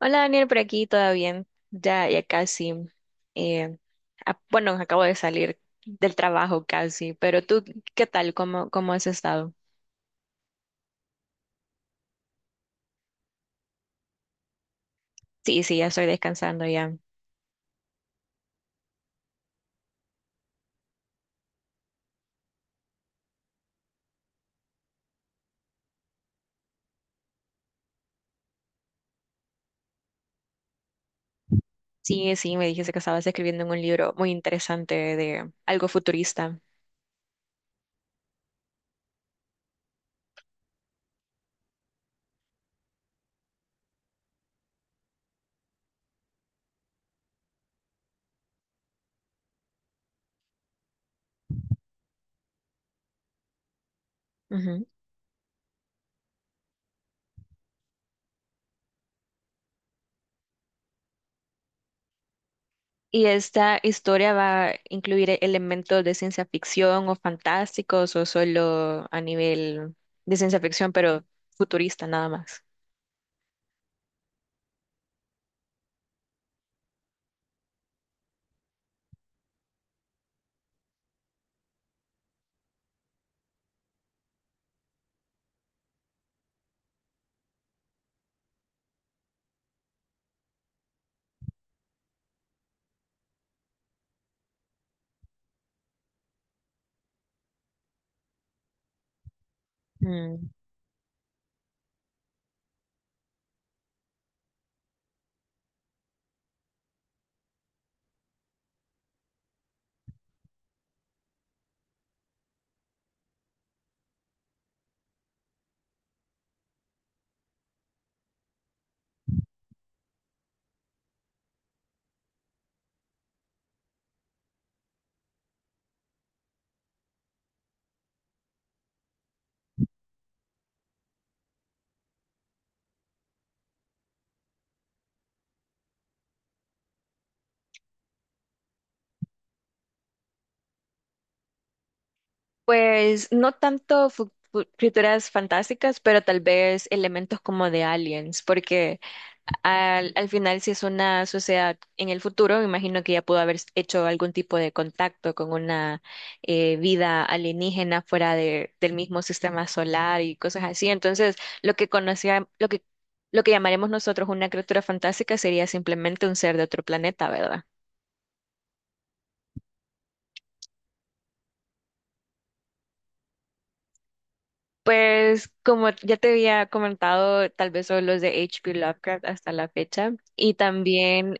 Hola Daniel, por aquí, ¿todo bien? Ya, ya casi. eh, bueno, acabo de salir del trabajo casi, pero tú, ¿qué tal? ¿Cómo has estado? Sí, sí, ya estoy descansando ya. Sí, sí, me dijiste que estabas escribiendo un libro muy interesante de algo futurista. Ujú. ¿Y esta historia va a incluir elementos de ciencia ficción o fantásticos o solo a nivel de ciencia ficción, pero futurista nada más? Mm. Pues no tanto criaturas fantásticas, pero tal vez elementos como de aliens, porque al final si es una sociedad en el futuro, me imagino que ya pudo haber hecho algún tipo de contacto con una vida alienígena fuera del mismo sistema solar y cosas así. Entonces, lo que conocía, lo que llamaremos nosotros una criatura fantástica sería simplemente un ser de otro planeta, ¿verdad? Pues como ya te había comentado, tal vez son los de H.P. Lovecraft hasta la fecha. Y también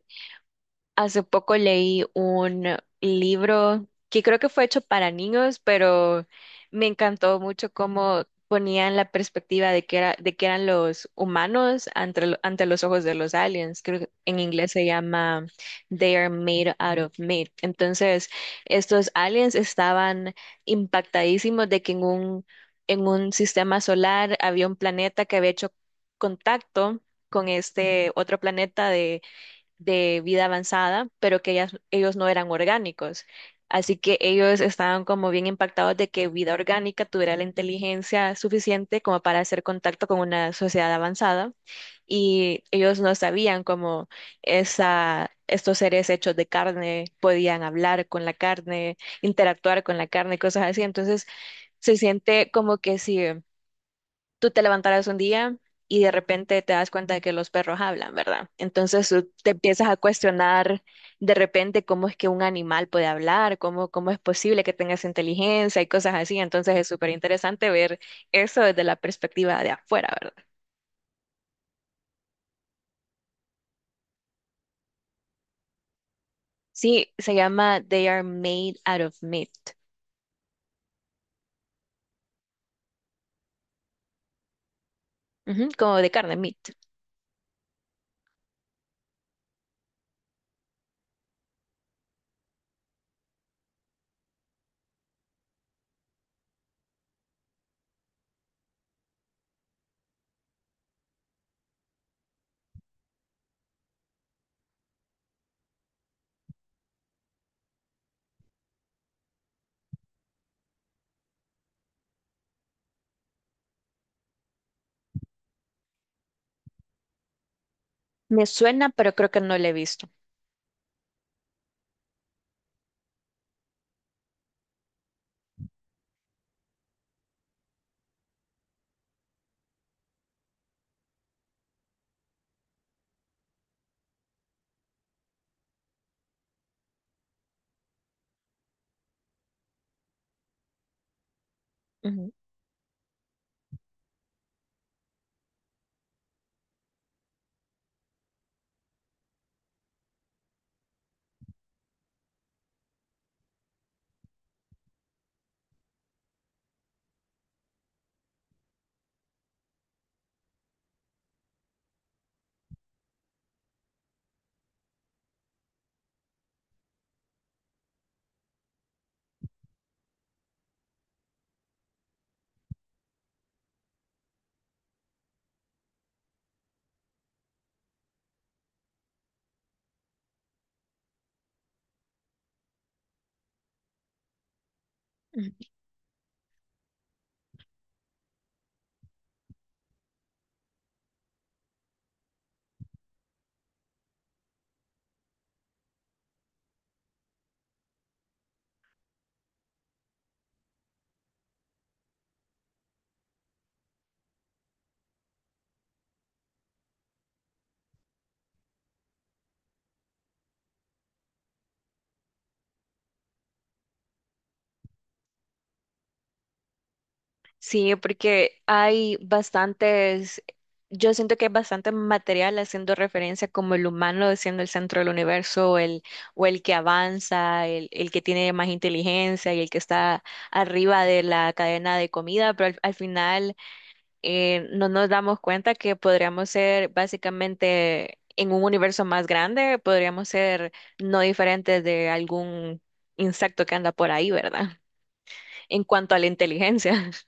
hace poco leí un libro que creo que fue hecho para niños, pero me encantó mucho cómo ponían la perspectiva de que era, de que eran los humanos ante, ante los ojos de los aliens. Creo que en inglés se llama They are made out of meat. Entonces, estos aliens estaban impactadísimos de que en un sistema solar había un planeta que había hecho contacto con este otro planeta de vida avanzada, pero que ellos no eran orgánicos. Así que ellos estaban como bien impactados de que vida orgánica tuviera la inteligencia suficiente como para hacer contacto con una sociedad avanzada y ellos no sabían cómo estos seres hechos de carne podían hablar con la carne, interactuar con la carne, cosas así. Entonces se siente como que sí tú te levantarás un día y de repente te das cuenta de que los perros hablan, ¿verdad? Entonces tú te empiezas a cuestionar de repente cómo es que un animal puede hablar, cómo es posible que tengas inteligencia y cosas así. Entonces es súper interesante ver eso desde la perspectiva de afuera, ¿verdad? Sí, se llama They Are Made Out of Meat. Ujú, como de carne, meat. Me suena, pero creo que no lo he visto. Ujú, ujú. Sí, porque hay bastantes, yo siento que hay bastante material haciendo referencia como el humano siendo el centro del universo, el, o el que avanza, el que tiene más inteligencia y el que está arriba de la cadena de comida, pero al final no nos damos cuenta que podríamos ser básicamente en un universo más grande, podríamos ser no diferentes de algún insecto que anda por ahí, ¿verdad? En cuanto a la inteligencia.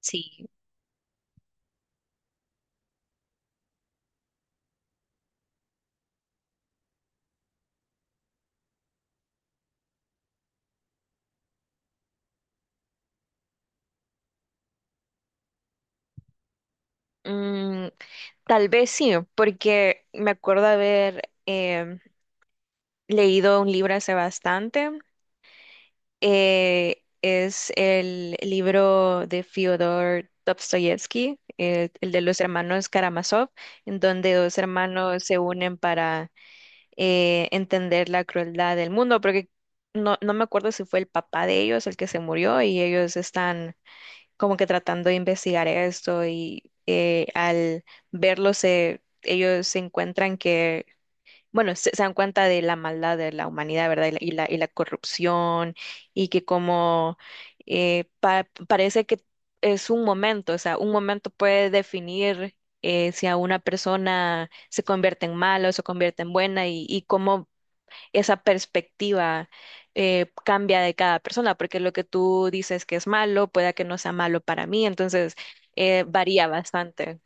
Sí, mm, tal vez sí, porque me acuerdo haber leído un libro hace bastante. Es el libro de Fyodor Dostoyevsky, el de los hermanos Karamazov, en donde dos hermanos se unen para entender la crueldad del mundo, porque no me acuerdo si fue el papá de ellos el que se murió y ellos están como que tratando de investigar esto y al ellos se encuentran que, bueno, se dan cuenta de la maldad de la humanidad, ¿verdad? Y y la corrupción y que como parece que es un momento, o sea, un momento puede definir si a una persona se convierte en mala o se convierte en buena y cómo esa perspectiva cambia de cada persona, porque lo que tú dices que es malo, pueda que no sea malo para mí, entonces varía bastante.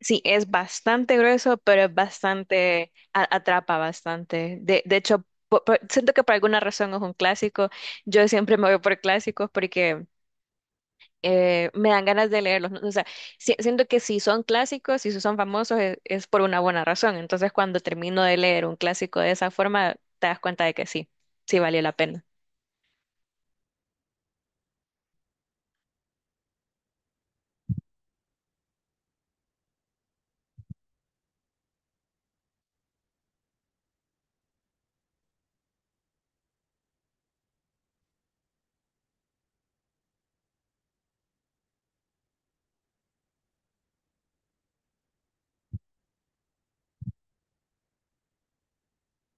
Sí, es bastante grueso, pero es bastante, atrapa bastante. De hecho, siento que por alguna razón es un clásico. Yo siempre me voy por clásicos porque me dan ganas de leerlos, ¿no? O sea, siento que si son clásicos, si son famosos, es por una buena razón. Entonces, cuando termino de leer un clásico de esa forma, te das cuenta de que sí, sí valió la pena.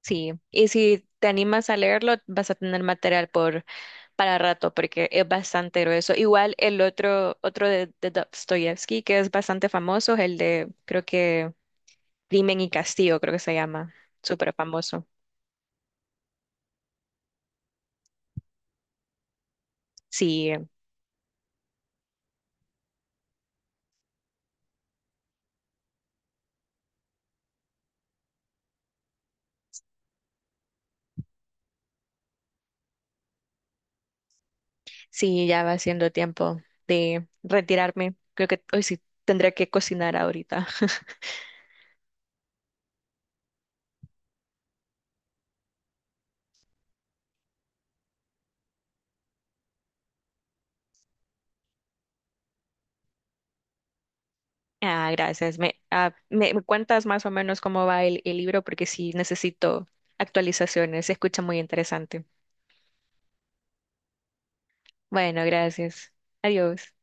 Sí, y si te animas a leerlo, vas a tener material para rato, porque es bastante grueso. Igual el otro, otro de Dostoyevsky, que es bastante famoso, es el de, creo que, Crimen y Castigo, creo que se llama, súper famoso. Sí, sí, ya va siendo tiempo de retirarme. Creo que hoy sí tendré que cocinar ahorita. Ah, gracias. Me cuentas más o menos cómo va el libro porque sí necesito actualizaciones. Se escucha muy interesante. Bueno, gracias. Adiós.